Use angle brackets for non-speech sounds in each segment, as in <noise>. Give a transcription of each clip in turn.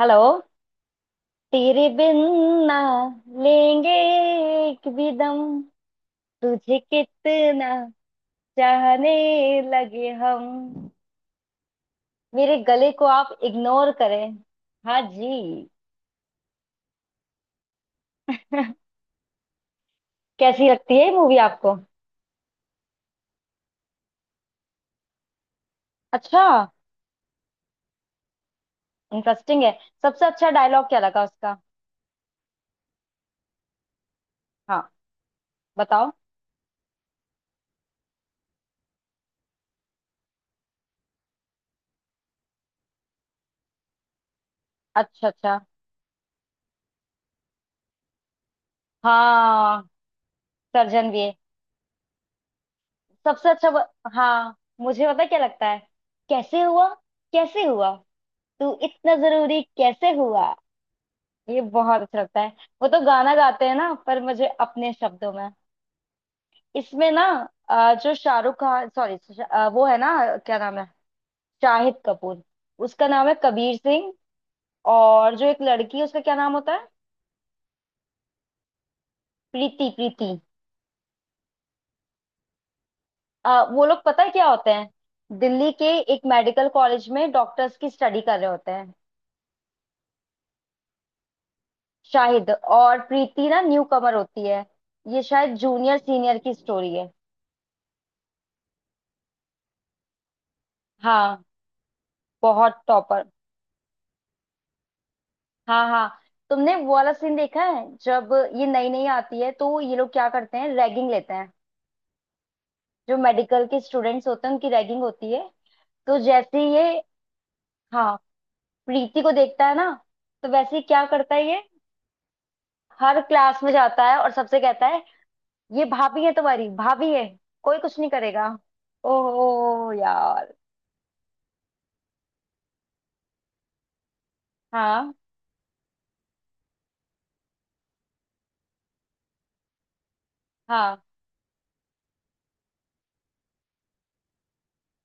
Hello. तेरे बिन ना लेंगे एक भी दम। तुझे कितना चाहने लगे हम। मेरे गले को आप इग्नोर करें। हाँ जी। <laughs> कैसी लगती है मूवी आपको? अच्छा, इंटरेस्टिंग है। सबसे अच्छा डायलॉग क्या लगा उसका? हाँ, बताओ। अच्छा अच्छा। हाँ, सर्जन भी है? सबसे अच्छा ब... हाँ, मुझे पता क्या लगता है। कैसे हुआ, कैसे हुआ, तू इतना जरूरी कैसे हुआ। ये बहुत अच्छा लगता है। वो तो गाना गाते हैं ना, पर मुझे अपने शब्दों में। इसमें ना जो शाहरुख खान, सॉरी, वो है ना, क्या नाम है? शाहिद कपूर। उसका नाम है कबीर सिंह। और जो एक लड़की है, उसका क्या नाम होता है? प्रीति, प्रीति। वो लोग पता है क्या होते हैं? दिल्ली के एक मेडिकल कॉलेज में डॉक्टर्स की स्टडी कर रहे होते हैं। शाहिद और प्रीति ना न्यू कमर होती है। ये शायद जूनियर सीनियर की स्टोरी है। हाँ, बहुत टॉपर। हाँ हाँ। तुमने वो वाला सीन देखा है, जब ये नई नई आती है तो ये लोग क्या करते हैं, रैगिंग लेते हैं। जो मेडिकल के स्टूडेंट्स होते हैं उनकी रैगिंग होती है। तो जैसे ही ये, हाँ, प्रीति को देखता है ना, तो वैसे ही क्या करता है ये, हर क्लास में जाता है और सबसे कहता है, ये भाभी है, तुम्हारी भाभी है, कोई कुछ नहीं करेगा। ओहो यार। हाँ हाँ।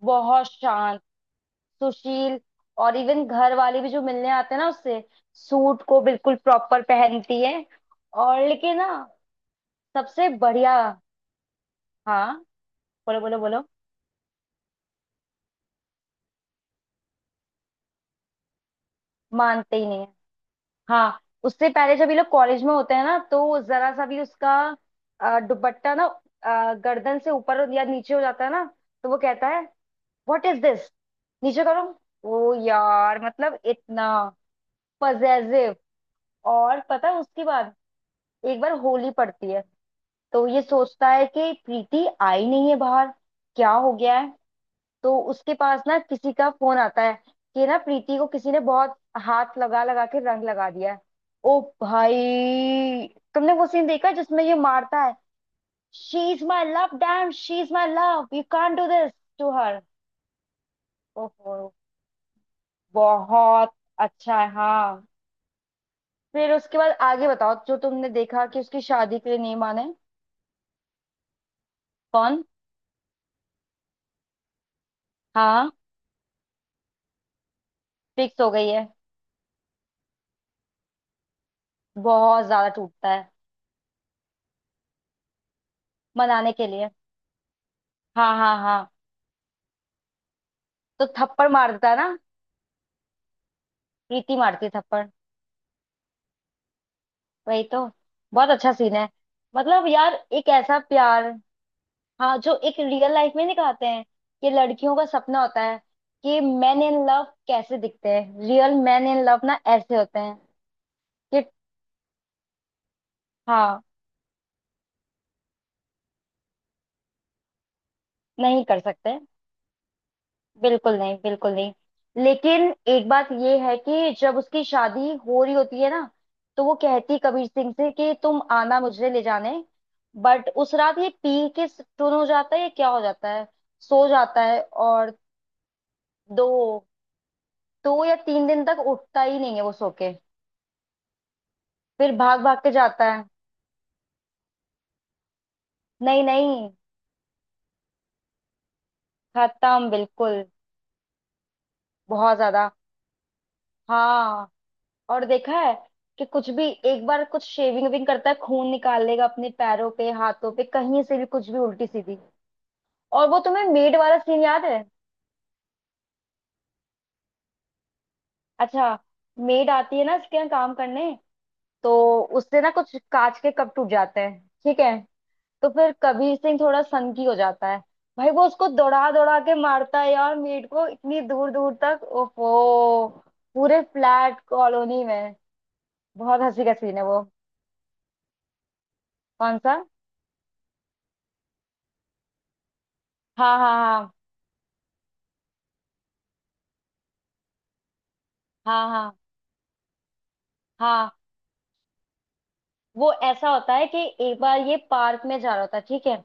बहुत शांत, सुशील। और इवन घर वाले भी जो मिलने आते हैं ना उससे, सूट को बिल्कुल प्रॉपर पहनती है। और लेकिन ना, सबसे बढ़िया। हाँ, बोलो बोलो बोलो। मानते ही नहीं है। हाँ, उससे पहले जब ये लोग कॉलेज में होते हैं ना, तो जरा सा भी उसका दुपट्टा ना गर्दन से ऊपर या नीचे हो जाता है ना, तो वो कहता है, व्हाट इज दिस, नीचे करो। ओ यार, मतलब इतना पजेसिव। और पता है उसके बाद, एक बार होली पड़ती है, तो ये सोचता है कि प्रीति आई नहीं है बाहर, क्या हो गया है। तो उसके पास ना किसी का फोन आता है कि ना प्रीति को किसी ने बहुत हाथ लगा लगा के रंग लगा दिया है। ओ भाई, तुमने वो सीन देखा है जिसमें ये मारता है, she is my love, damn, she is my love, you can't do this to her. ओहो, बहुत अच्छा है। हाँ, फिर उसके बाद आगे बताओ, जो तुमने देखा, कि उसकी शादी के लिए नहीं माने। कौन? हाँ, फिक्स हो गई है। बहुत ज्यादा टूटता है। मनाने के लिए। हाँ हाँ हाँ। तो थप्पड़ मारता है ना, प्रीति मारती है थप्पड़। वही तो, बहुत अच्छा सीन है। मतलब यार, एक ऐसा प्यार, हाँ, जो एक रियल लाइफ में दिखाते हैं, कि लड़कियों का सपना होता है, कि मैन इन लव कैसे दिखते हैं, रियल मैन इन लव ना ऐसे होते हैं। कि हाँ, नहीं कर सकते, बिल्कुल नहीं, बिल्कुल नहीं। लेकिन एक बात ये है, कि जब उसकी शादी हो रही होती है ना, तो वो कहती कबीर सिंह से कि तुम आना मुझे ले जाने। बट उस रात ये पी के टून हो जाता है, या क्या हो जाता है, सो जाता है और दो, दो या तीन दिन तक उठता ही नहीं है वो सो के। फिर भाग भाग के जाता है। नहीं नहीं। खत्म बिल्कुल। बहुत ज्यादा। हाँ। और देखा है कि कुछ भी, एक बार कुछ शेविंग विंग करता है, खून निकाल लेगा अपने पैरों पे, हाथों पे, कहीं से भी, कुछ भी उल्टी सीधी। और वो तुम्हें मेड वाला सीन याद है? अच्छा, मेड आती है ना इसके यहाँ काम करने, तो उससे ना कुछ कांच के कप टूट जाते हैं, ठीक है, तो फिर कबीर सिंह थोड़ा सनकी हो जाता है। भाई, वो उसको दौड़ा दौड़ा के मारता है यार, मेड को, इतनी दूर दूर तक। ओफो, पूरे फ्लैट कॉलोनी में। बहुत हंसी का सीन है वो। कौन सा? हाँ हाँ हाँ। हाँ हाँ हाँ। वो ऐसा होता है कि एक बार ये पार्क में जा रहा होता है, ठीक है,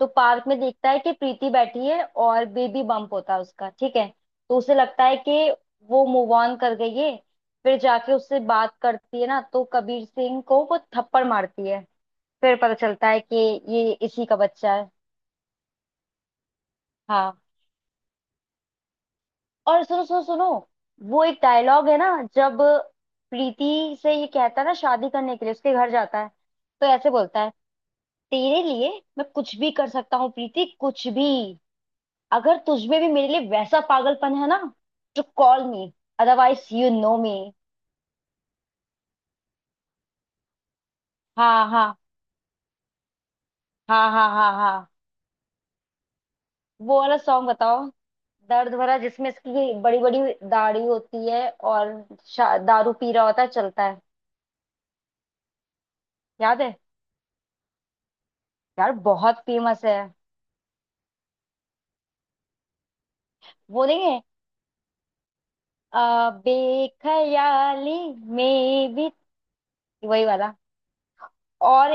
तो पार्क में देखता है कि प्रीति बैठी है और बेबी बम्प होता है उसका, ठीक है, तो उसे लगता है कि वो मूव ऑन कर गई है। फिर जाके उससे बात करती है ना, तो कबीर सिंह को वो थप्पड़ मारती है। फिर पता चलता है कि ये इसी का बच्चा है। हाँ। और सुनो सुनो सुनो, वो एक डायलॉग है ना, जब प्रीति से ये कहता है ना, शादी करने के लिए उसके घर जाता है, तो ऐसे बोलता है, तेरे लिए मैं कुछ भी कर सकता हूँ प्रीति, कुछ भी। अगर तुझमें भी मेरे लिए वैसा पागलपन है ना, तो call me, otherwise you know me. हाँ हाँ हाँ हाँ हाँ हाँ। वो वाला सॉन्ग बताओ, दर्द भरा, जिसमें इसकी बड़ी बड़ी दाढ़ी होती है और दारू पी रहा होता है, चलता है। याद है? यार बहुत फेमस है। वो नहीं है, आ, बेख्याली में भी, वही वाला। और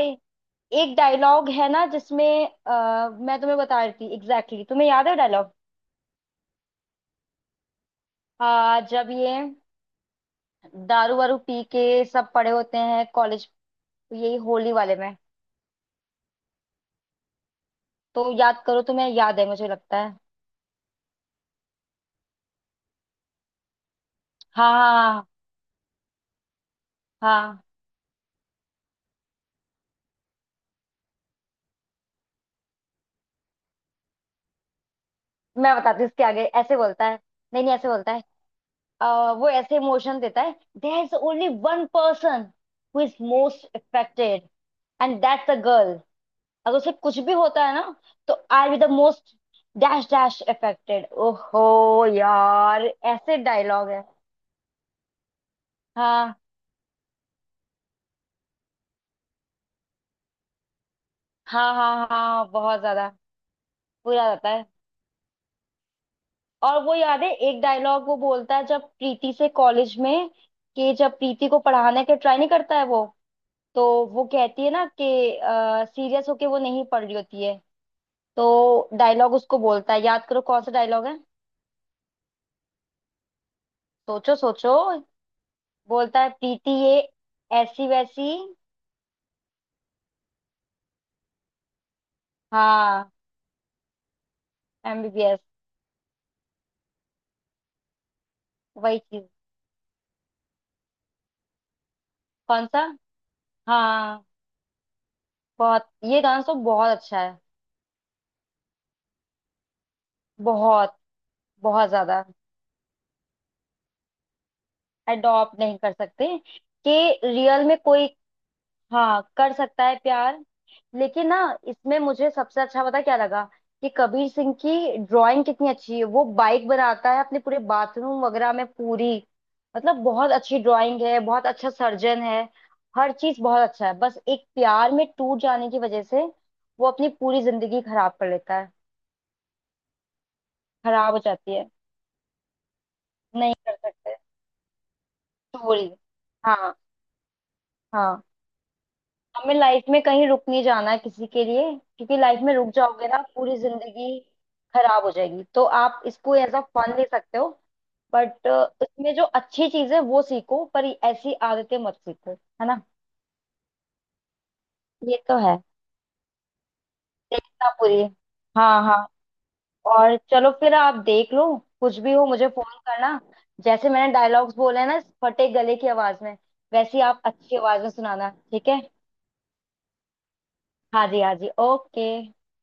एक डायलॉग है ना जिसमें, मैं तुम्हें बता रही थी एग्जैक्टली exactly। तुम्हें याद है डायलॉग? आ, जब ये दारू वारू पी के सब पड़े होते हैं कॉलेज, यही होली वाले में, तो याद करो, तुम्हें याद है, मुझे लगता है। हाँ हाँ हाँ हाँ। मैं बताती हूँ, इसके आगे ऐसे बोलता है। नहीं नहीं, ऐसे बोलता है, वो ऐसे इमोशन देता है, there is only one person who is most affected, and that's a girl. अगर उसे कुछ भी होता है ना, तो I be the most dash dash affected. ओहो यार, ऐसे डायलॉग है। हाँ हाँ हाँ हाँ, बहुत ज्यादा बुरा रहता है। और वो याद है एक डायलॉग वो बोलता है, जब प्रीति से कॉलेज में, कि जब प्रीति को पढ़ाने के ट्राई नहीं करता है वो, तो वो कहती है ना कि सीरियस होके वो नहीं पढ़ रही होती है, तो डायलॉग उसको बोलता है, याद करो कौन सा डायलॉग है। सोचो सोचो, बोलता है, प्रीति ये ऐसी वैसी। हाँ, एमबीबीएस, वही चीज। कौन सा? हाँ, बहुत, ये गाना तो बहुत अच्छा है। बहुत, बहुत ज्यादा, अडॉप्ट नहीं कर सकते। कि रियल में कोई, हाँ, कर सकता है प्यार। लेकिन ना, इसमें मुझे सबसे अच्छा पता क्या लगा, कि कबीर सिंह की ड्राइंग कितनी अच्छी है। वो बाइक बनाता है अपने पूरे बाथरूम वगैरह में, पूरी, मतलब बहुत अच्छी ड्राइंग है, बहुत अच्छा सर्जन है, हर चीज बहुत अच्छा है। बस एक प्यार में टूट जाने की वजह से वो अपनी पूरी जिंदगी खराब कर लेता है। खराब हो जाती है, नहीं कर सकते। चोरी। हाँ हाँ। हमें लाइफ में कहीं रुक नहीं जाना है किसी के लिए, क्योंकि लाइफ में रुक जाओगे ना, पूरी जिंदगी खराब हो जाएगी। तो आप इसको एज अ फन ले सकते हो, बट इसमें जो अच्छी चीज है वो सीखो, पर ऐसी आदतें मत सीखो, है ना। ये तो है, देखना पूरी। हाँ हाँ। और चलो फिर आप देख लो, कुछ भी हो मुझे फोन करना। जैसे मैंने डायलॉग्स बोले हैं ना इस फटे गले की आवाज में, वैसी आप अच्छी आवाज में सुनाना, ठीक है। हाँ जी, हाँ जी, ओके।